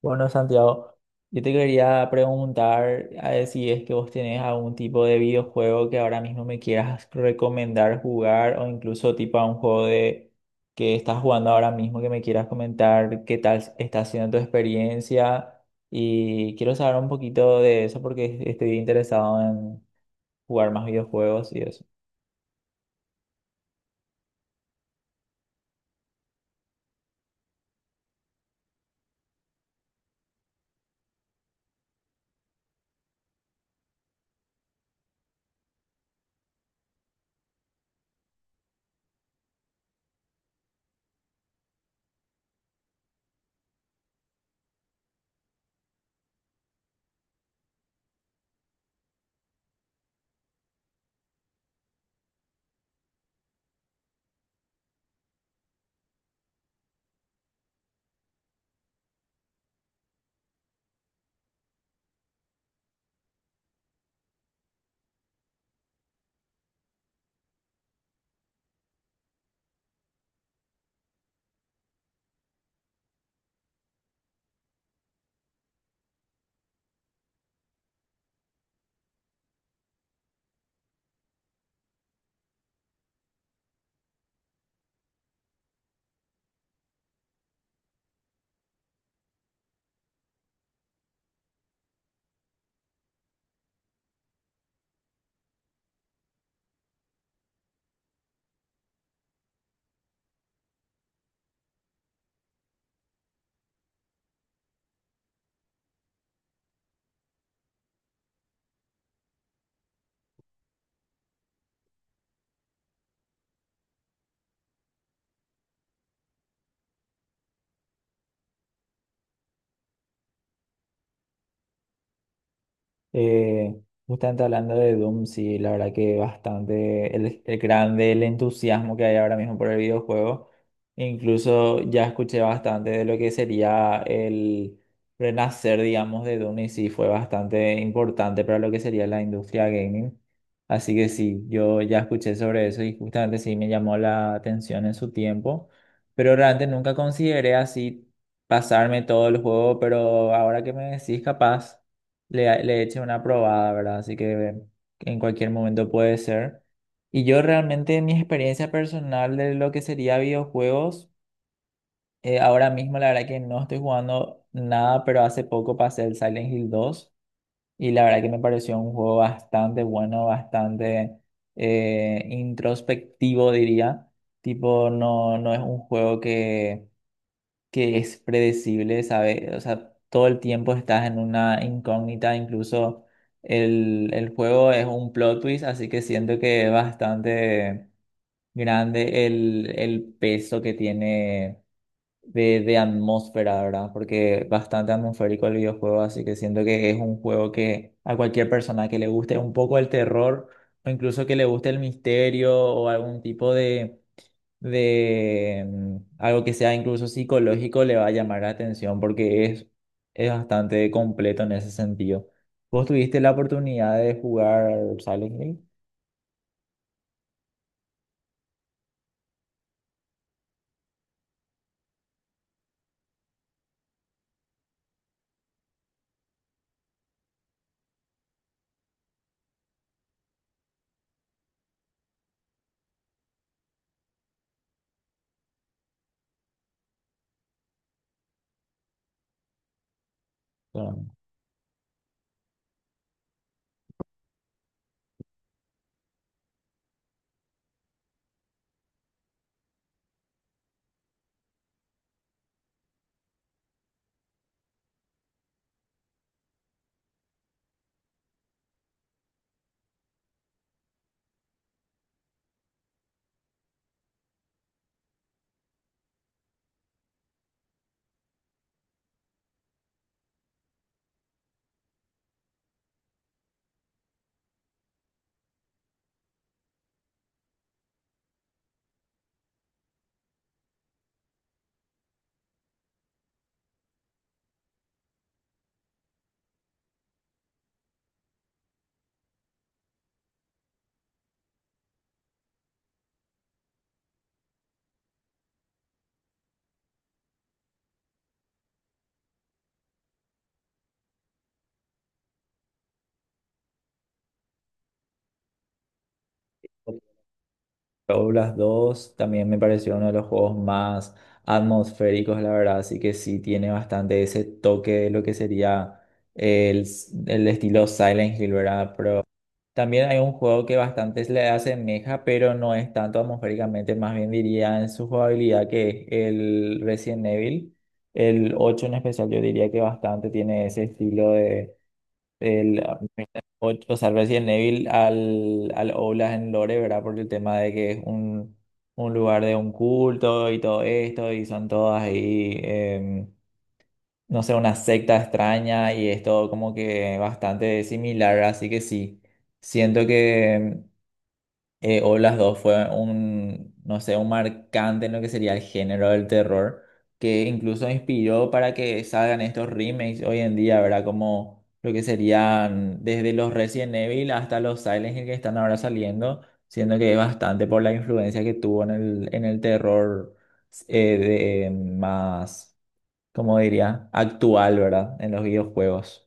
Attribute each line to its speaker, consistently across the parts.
Speaker 1: Bueno, Santiago, yo te quería preguntar a ver si es que vos tenés algún tipo de videojuego que ahora mismo me quieras recomendar jugar o incluso tipo a un juego de que estás jugando ahora mismo que me quieras comentar qué tal está siendo tu experiencia y quiero saber un poquito de eso porque estoy interesado en jugar más videojuegos y eso. Eh, Justamente hablando de Doom, sí, la verdad que bastante el grande, el entusiasmo que hay ahora mismo por el videojuego. Incluso ya escuché bastante de lo que sería el renacer, digamos, de Doom y sí fue bastante importante para lo que sería la industria gaming. Así que sí, yo ya escuché sobre eso y justamente sí me llamó la atención en su tiempo, pero realmente nunca consideré así pasarme todo el juego, pero ahora que me decís capaz le eche una probada, ¿verdad? Así que en cualquier momento puede ser. Y yo realmente mi experiencia personal de lo que sería videojuegos, ahora mismo la verdad que no estoy jugando nada, pero hace poco pasé el Silent Hill 2 y la verdad que me pareció un juego bastante bueno, bastante introspectivo diría. Tipo, no, no es un juego que es predecible, ¿sabes? O sea, todo el tiempo estás en una incógnita, incluso el juego es un plot twist, así que siento que es bastante grande el peso que tiene de atmósfera, ¿verdad? Porque es bastante atmosférico el videojuego, así que siento que es un juego que a cualquier persona que le guste un poco el terror, o incluso que le guste el misterio o algún tipo de algo que sea incluso psicológico le va a llamar la atención porque es bastante completo en ese sentido. ¿Vos tuviste la oportunidad de jugar Silent Hill? Con Outlast dos también me pareció uno de los juegos más atmosféricos, la verdad, así que sí tiene bastante ese toque de lo que sería el, el estilo Silent Hill, ¿verdad? Pero también hay un juego que bastante se le asemeja, pero no es tanto atmosféricamente, más bien diría en su jugabilidad, que es el Resident Evil. El 8 en especial, yo diría que bastante tiene ese estilo de. El, ocho o sea, Resident Evil al Outlast en Lore, ¿verdad? Por el tema de que es un lugar de un culto y todo esto, y son todas ahí. No sé, una secta extraña y es todo como que bastante similar, así que sí. Siento que o las dos fue un, no sé, un marcante en lo que sería el género del terror, que incluso inspiró para que salgan estos remakes hoy en día, ¿verdad? Como lo que serían desde los Resident Evil hasta los Silent Hill que están ahora saliendo, siendo que es bastante por la influencia que tuvo en el terror eh, de, más, como diría? Actual, ¿verdad? En los videojuegos.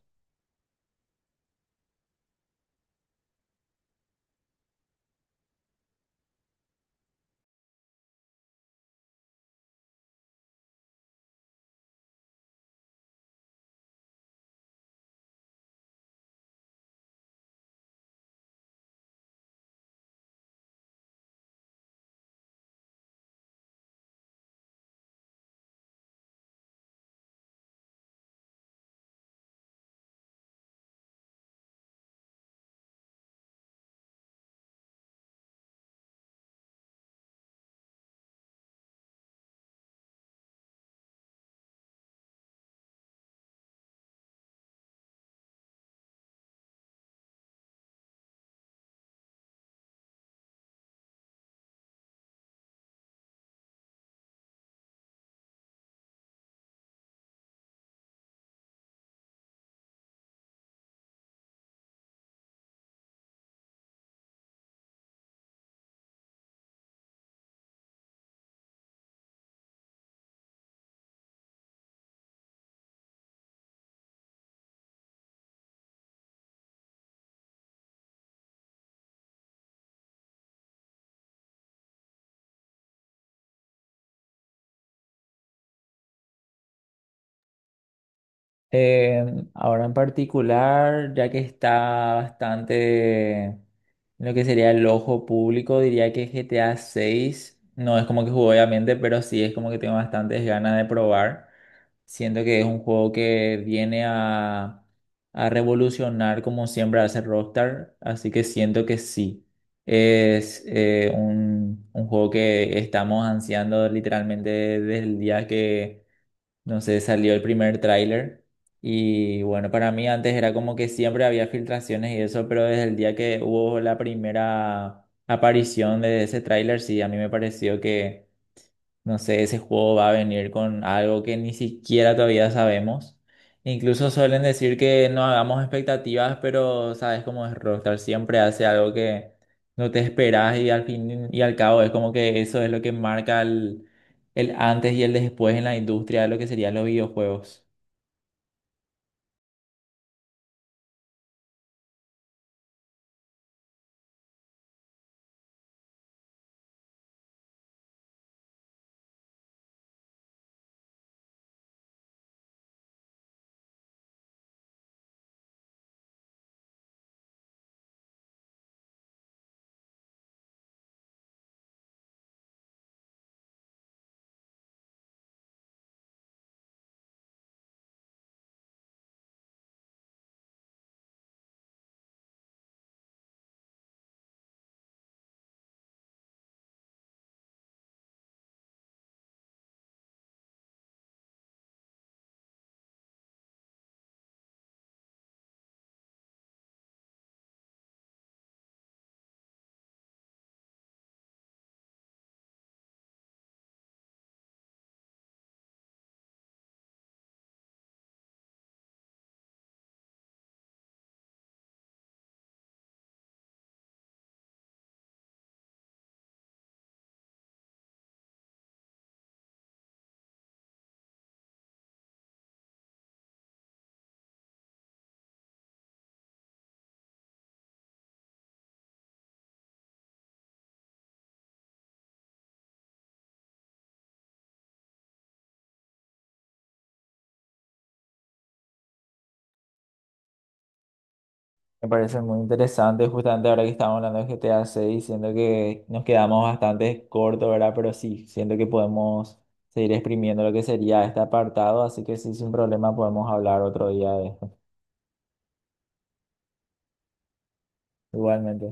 Speaker 1: Ahora en particular, ya que está bastante en lo que sería el ojo público, diría que GTA 6 no es como que juego obviamente, pero sí es como que tengo bastantes ganas de probar. Siento que es un juego que viene a revolucionar como siempre hace Rockstar, así que siento que sí. Es un juego que estamos ansiando literalmente desde el día que no sé, salió el primer tráiler y bueno, para mí antes era como que siempre había filtraciones y eso, pero desde el día que hubo la primera aparición de ese tráiler, sí, a mí me pareció que no sé, ese juego va a venir con algo que ni siquiera todavía sabemos. Incluso suelen decir que no hagamos expectativas, pero sabes cómo es Rockstar, siempre hace algo que no te esperas y al fin y al cabo es como que eso es lo que marca el antes y el después en la industria de lo que serían los videojuegos. Me parece muy interesante, justamente ahora que estamos hablando de GTA 6, siento que nos quedamos bastante cortos, ¿verdad? Pero sí, siento que podemos seguir exprimiendo lo que sería este apartado, así que sí, sin problema podemos hablar otro día de esto. Igualmente.